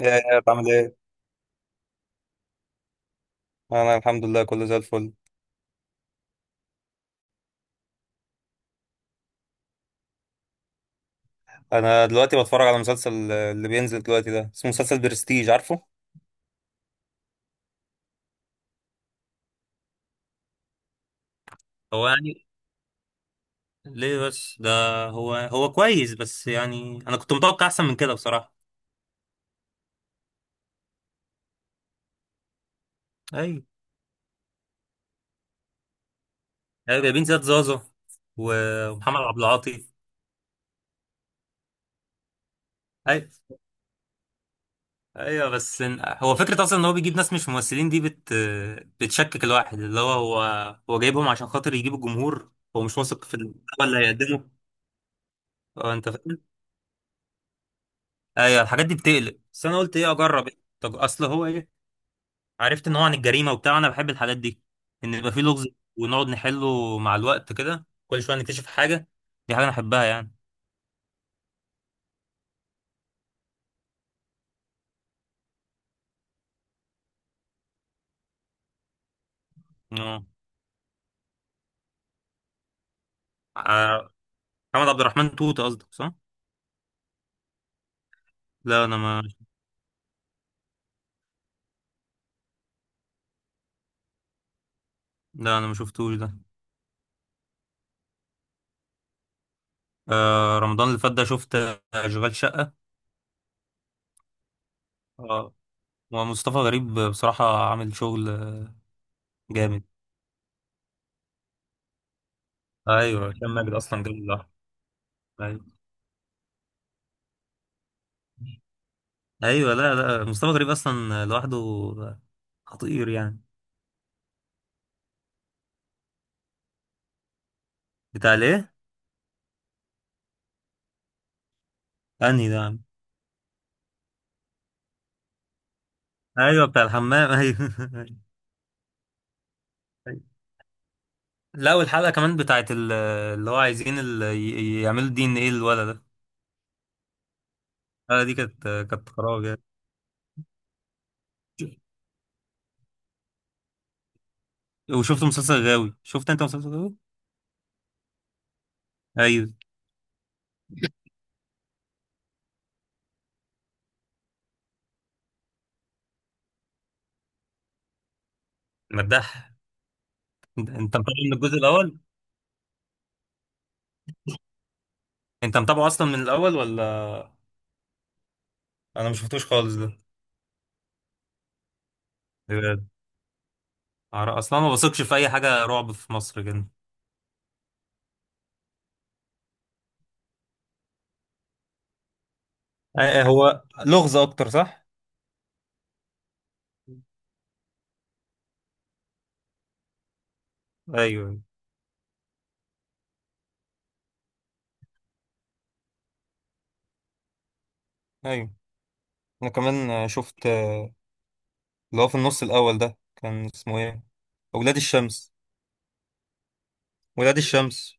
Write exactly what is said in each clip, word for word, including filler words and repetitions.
يا يا بعمل ايه؟ انا الحمد لله كله زي الفل. انا دلوقتي بتفرج على مسلسل اللي بينزل دلوقتي ده، اسمه مسلسل برستيج. عارفه؟ هو يعني ليه بس ده، هو هو كويس، بس يعني انا كنت متوقع احسن من كده بصراحه. اي، ايوه، جايبين زياد زازا و- ومحمد عبد العاطي. اي ايوه، بس إن- هو فكره اصلا ان هو بيجيب ناس مش ممثلين، دي بت بتشكك الواحد، اللي هو هو هو جايبهم عشان خاطر يجيب الجمهور، هو مش واثق في المحتوى اللي هيقدمه. هو انت فاهم. ايوه، الحاجات دي بتقلق، بس انا قلت ايه، اجرب إيه؟ طب اصل هو ايه، عرفت ان هو عن الجريمه وبتاع، انا بحب الحاجات دي، ان يبقى فيه لغز ونقعد نحله مع الوقت كده، كل شويه نكتشف حاجه. دي حاجه انا احبها يعني. اه، آه، محمد عبد الرحمن توت قصدك، صح. لا انا ما لا انا ما شفتوش ده. آه، رمضان اللي فات ده شفت آه، اشغال شقه. اه، ومصطفى غريب بصراحه عامل شغل آه، جامد. ايوه، هشام ماجد اصلا جامد لوحده. ايوه، ايوه، لا، لا، مصطفى غريب اصلا لوحده خطير يعني. بتاع الايه؟ انهي ده يا عم؟ ايوه، بتاع الحمام، ايوه. أيوة. لا، والحلقه كمان بتاعت ال- اللي هو عايزين ال- ي- يعملوا دي ان ايه الولد ده. الحلقه دي كانت كانت خراب يعني. وشفت مسلسل غاوي، شفت انت مسلسل غاوي؟ ايوه. مداح. انت أنت متابع من الجزء الاول؟ انت متابعه اصلا من الاول، ولا؟ انا ما شفتوش خالص ده؟ بجد. عر- اصلا ما بثقش في اي حاجه رعب في مصر كده. آه، هو لغز اكتر، صح؟ ايوه، ايوه. انا كمان شفت آه، اللي هو في النص الاول ده كان اسمه ايه؟ ولاد الشمس. ولاد الشمس،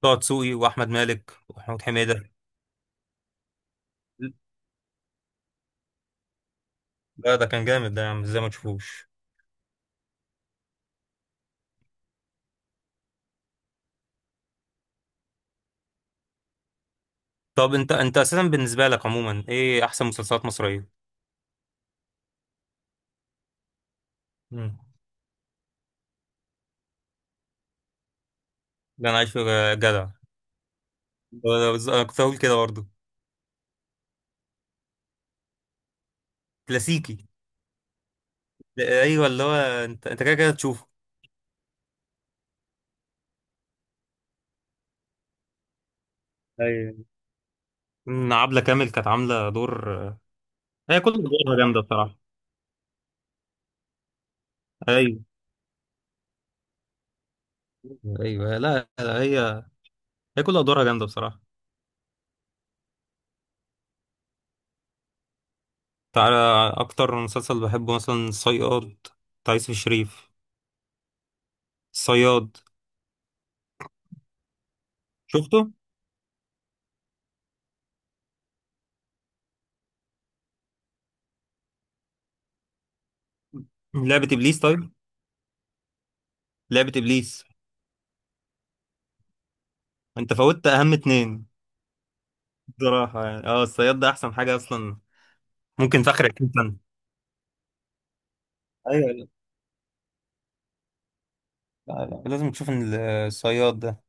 طه دسوقي واحمد مالك ومحمود حميده. لا، ده كان جامد ده يا عم، ازاي ما تشوفوش؟ طب انت انت اساسا بالنسبه لك عموما، ايه احسن مسلسلات مصريه؟ مم. ده انا عايش في. جدع. ده- ده- انا كنت هقول كده برضه. كلاسيكي. لا، ايوه، اللي هو انت انت كده كده تشوفه. ايوه، إن عبلة كامل كانت عاملة دور. هي كل أدوارها جامدة بصراحة. أيوه، أيوه، لا لا، هي هي كل أدوارها جامدة بصراحة. تعالى، أكتر مسلسل بحبه مثلا صياد، بتاع يوسف الشريف. صياد. شفته. لعبة ابليس، طيب. لعبة ابليس. انت فوتت اهم اتنين. بصراحة يعني اه، الصياد ده احسن حاجة اصلا. ممكن في اخر عشرين سنة. ايوه، لا، لا لا، لازم تشوف ال- الصياد ده.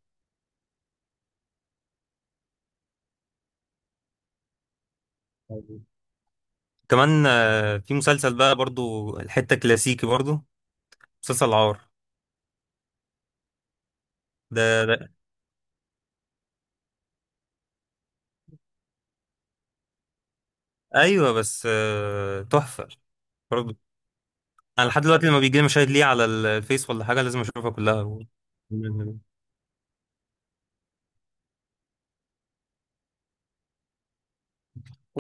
كمان آه، في مسلسل بقى، برضو الحتة كلاسيكي برضو، مسلسل العار. ده, ده ايوه، بس آه، تحفة. برضو، انا لحد دلوقتي لما بيجي لي مشاهد ليه على الفيس ولا حاجة لازم اشوفها كلها.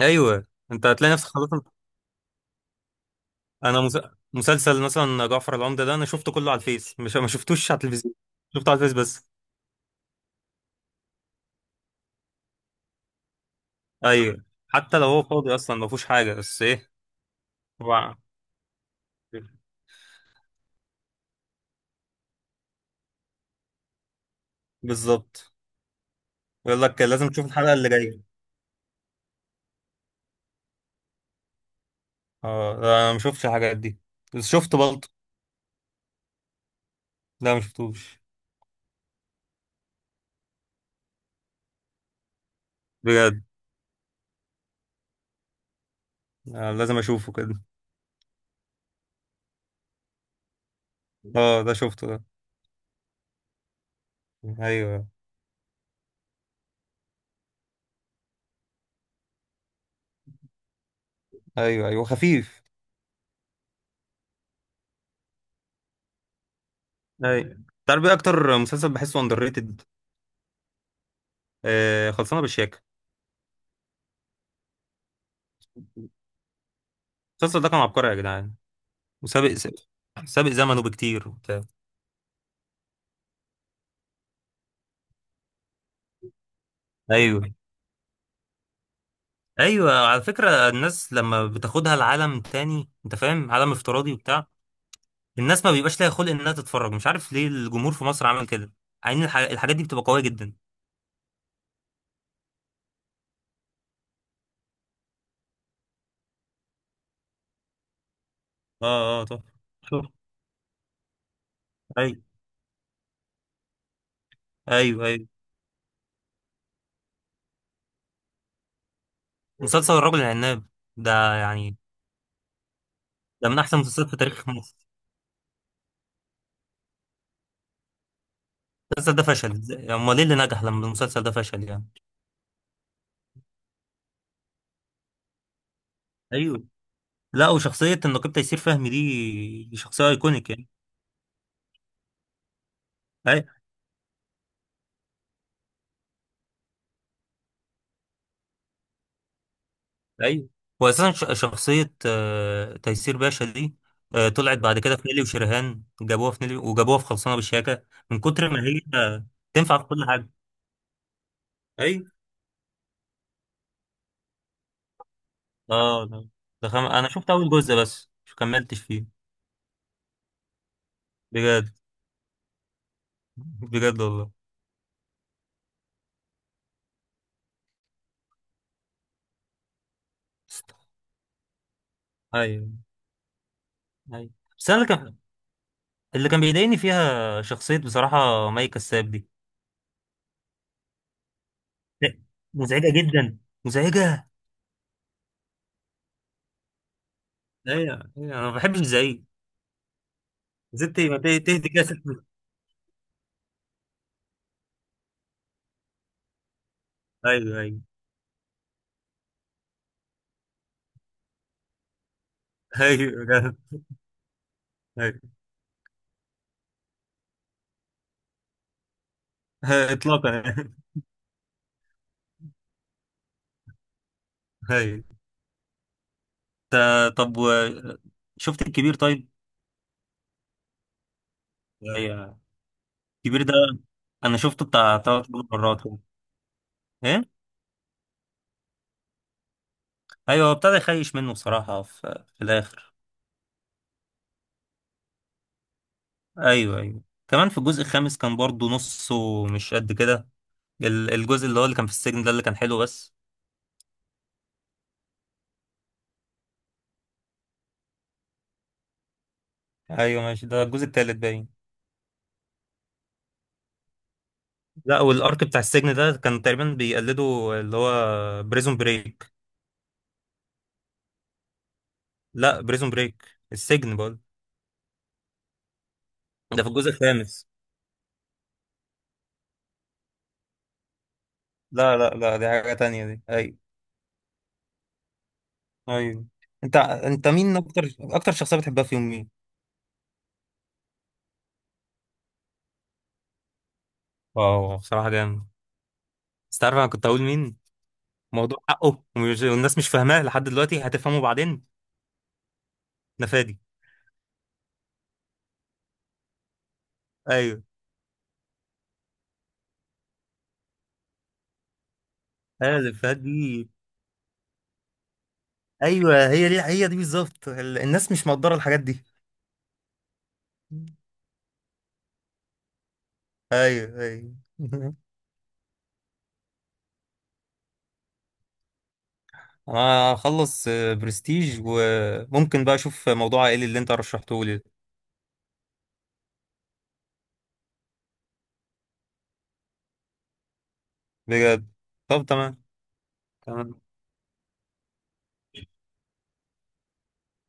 ايوه، انت هتلاقي نفسك خلاص. انا مس... مسلسل مثلا جعفر العمدة ده، انا شفته كله على الفيس، مش ما شفتوش على التلفزيون، شفته على الفيس بس. ايوه، حتى لو هو فاضي اصلا ما فيهوش حاجة، بس ايه هو بالظبط، يقول لك لازم تشوف الحلقة اللي جاية. اه، لا، انا ما شفتش الحاجات دي، بس شفت بالطو. لا، ما شفتوش. بجد. آه، لازم اشوفه كده. اه، ده شفته ده. ايوه، ايوه، ايوه، خفيف. ايوه، تعرف ايه اكتر مسلسل بحسه اندر ريتد؟ آه، خلصانه بالشياكه. المسلسل ده كان عبقري يا جدعان، وسابق. سابق زمنه بكتير، وبتاع. ايوه، ايوه، على فكره الناس لما بتاخدها لعالم تاني، انت فاهم، عالم افتراضي وبتاع، الناس ما بيبقاش ليها خلق انها تتفرج. مش عارف ليه الجمهور في مصر عمل كده. عين الح... الحاجات دي بتبقى قويه جدا. اه، اه، طبعا. شوف، ايوه، ايوه، ايوه، مسلسل الرجل العناب ده يعني، ده من احسن المسلسلات في تاريخ مصر. المسلسل ده فشل إزاي- امال ايه اللي نجح لما المسلسل ده فشل يعني؟ ايوه، لا، وشخصيه النقيب تيسير فهمي دي دي شخصيه ايكونيك يعني. ايوه، واساسا ش- شخصيه آه، تيسير باشا دي، آه، طلعت بعد كده في نيلي وشريهان، جابوها في نيلي وجابوها في خلصانه بالشياكه. من كتر ما هي آه، تنفع في كل حاجه. ايوه. اه، ده ده خم... انا شفت اول جزء بس مش كملتش فيه. بجد. بجد والله. ايوه، ايوه، بس انا اللي كان اللي كان بيضايقني فيها شخصيه بصراحه مي كساب دي. لا، مزعجه جدا. مزعجه. ايوه، ايوه، انا ما بحبش زعيق. زدت ما ت- تهدي كده. ايوه، ايوه. ايوه. هاي. هاي، اطلاقا. هاي. تا- طب و... شفت الكبير، طيب؟ هي- الكبير ده، انا شفته بتاع ثلاث مرات كده. ايه، ايوه، هو ابتدى يخيش منه بصراحه في, في الاخر. ايوه، ايوه، كمان في الجزء الخامس كان برضو نصه مش قد كده. ال- الجزء اللي هو اللي كان في السجن ده، اللي كان حلو بس. ايوه ماشي، ده الجزء التالت باين. لا، والارك بتاع السجن ده كان تقريبا بيقلدوا اللي هو بريزون بريك. لا، بريزون بريك، السجن بقول. ده في الجزء الخامس. لا، لا، لا، دي حاجة تانية دي. أيوة. أيوة، أنت أنت مين، أكتر أكتر شخصية بتحبها فيهم مين؟ واو، بصراحة جامد. بس تعرف أنا كنت أقول مين؟ موضوع حقه، ومش- والناس مش فاهماه لحد دلوقتي، هتفهمه بعدين. نفادي. أيوة. أيوة، نفادي. أيوة، هي دي هي دي بالظبط. ال- الناس مش مقدرة الحاجات دي. أيوة، أيوة. أنا هخلص آه، برستيج، وممكن بقى أشوف موضوع عائلي اللي أنت رشحته لي. بجد. طب تمام. تمام.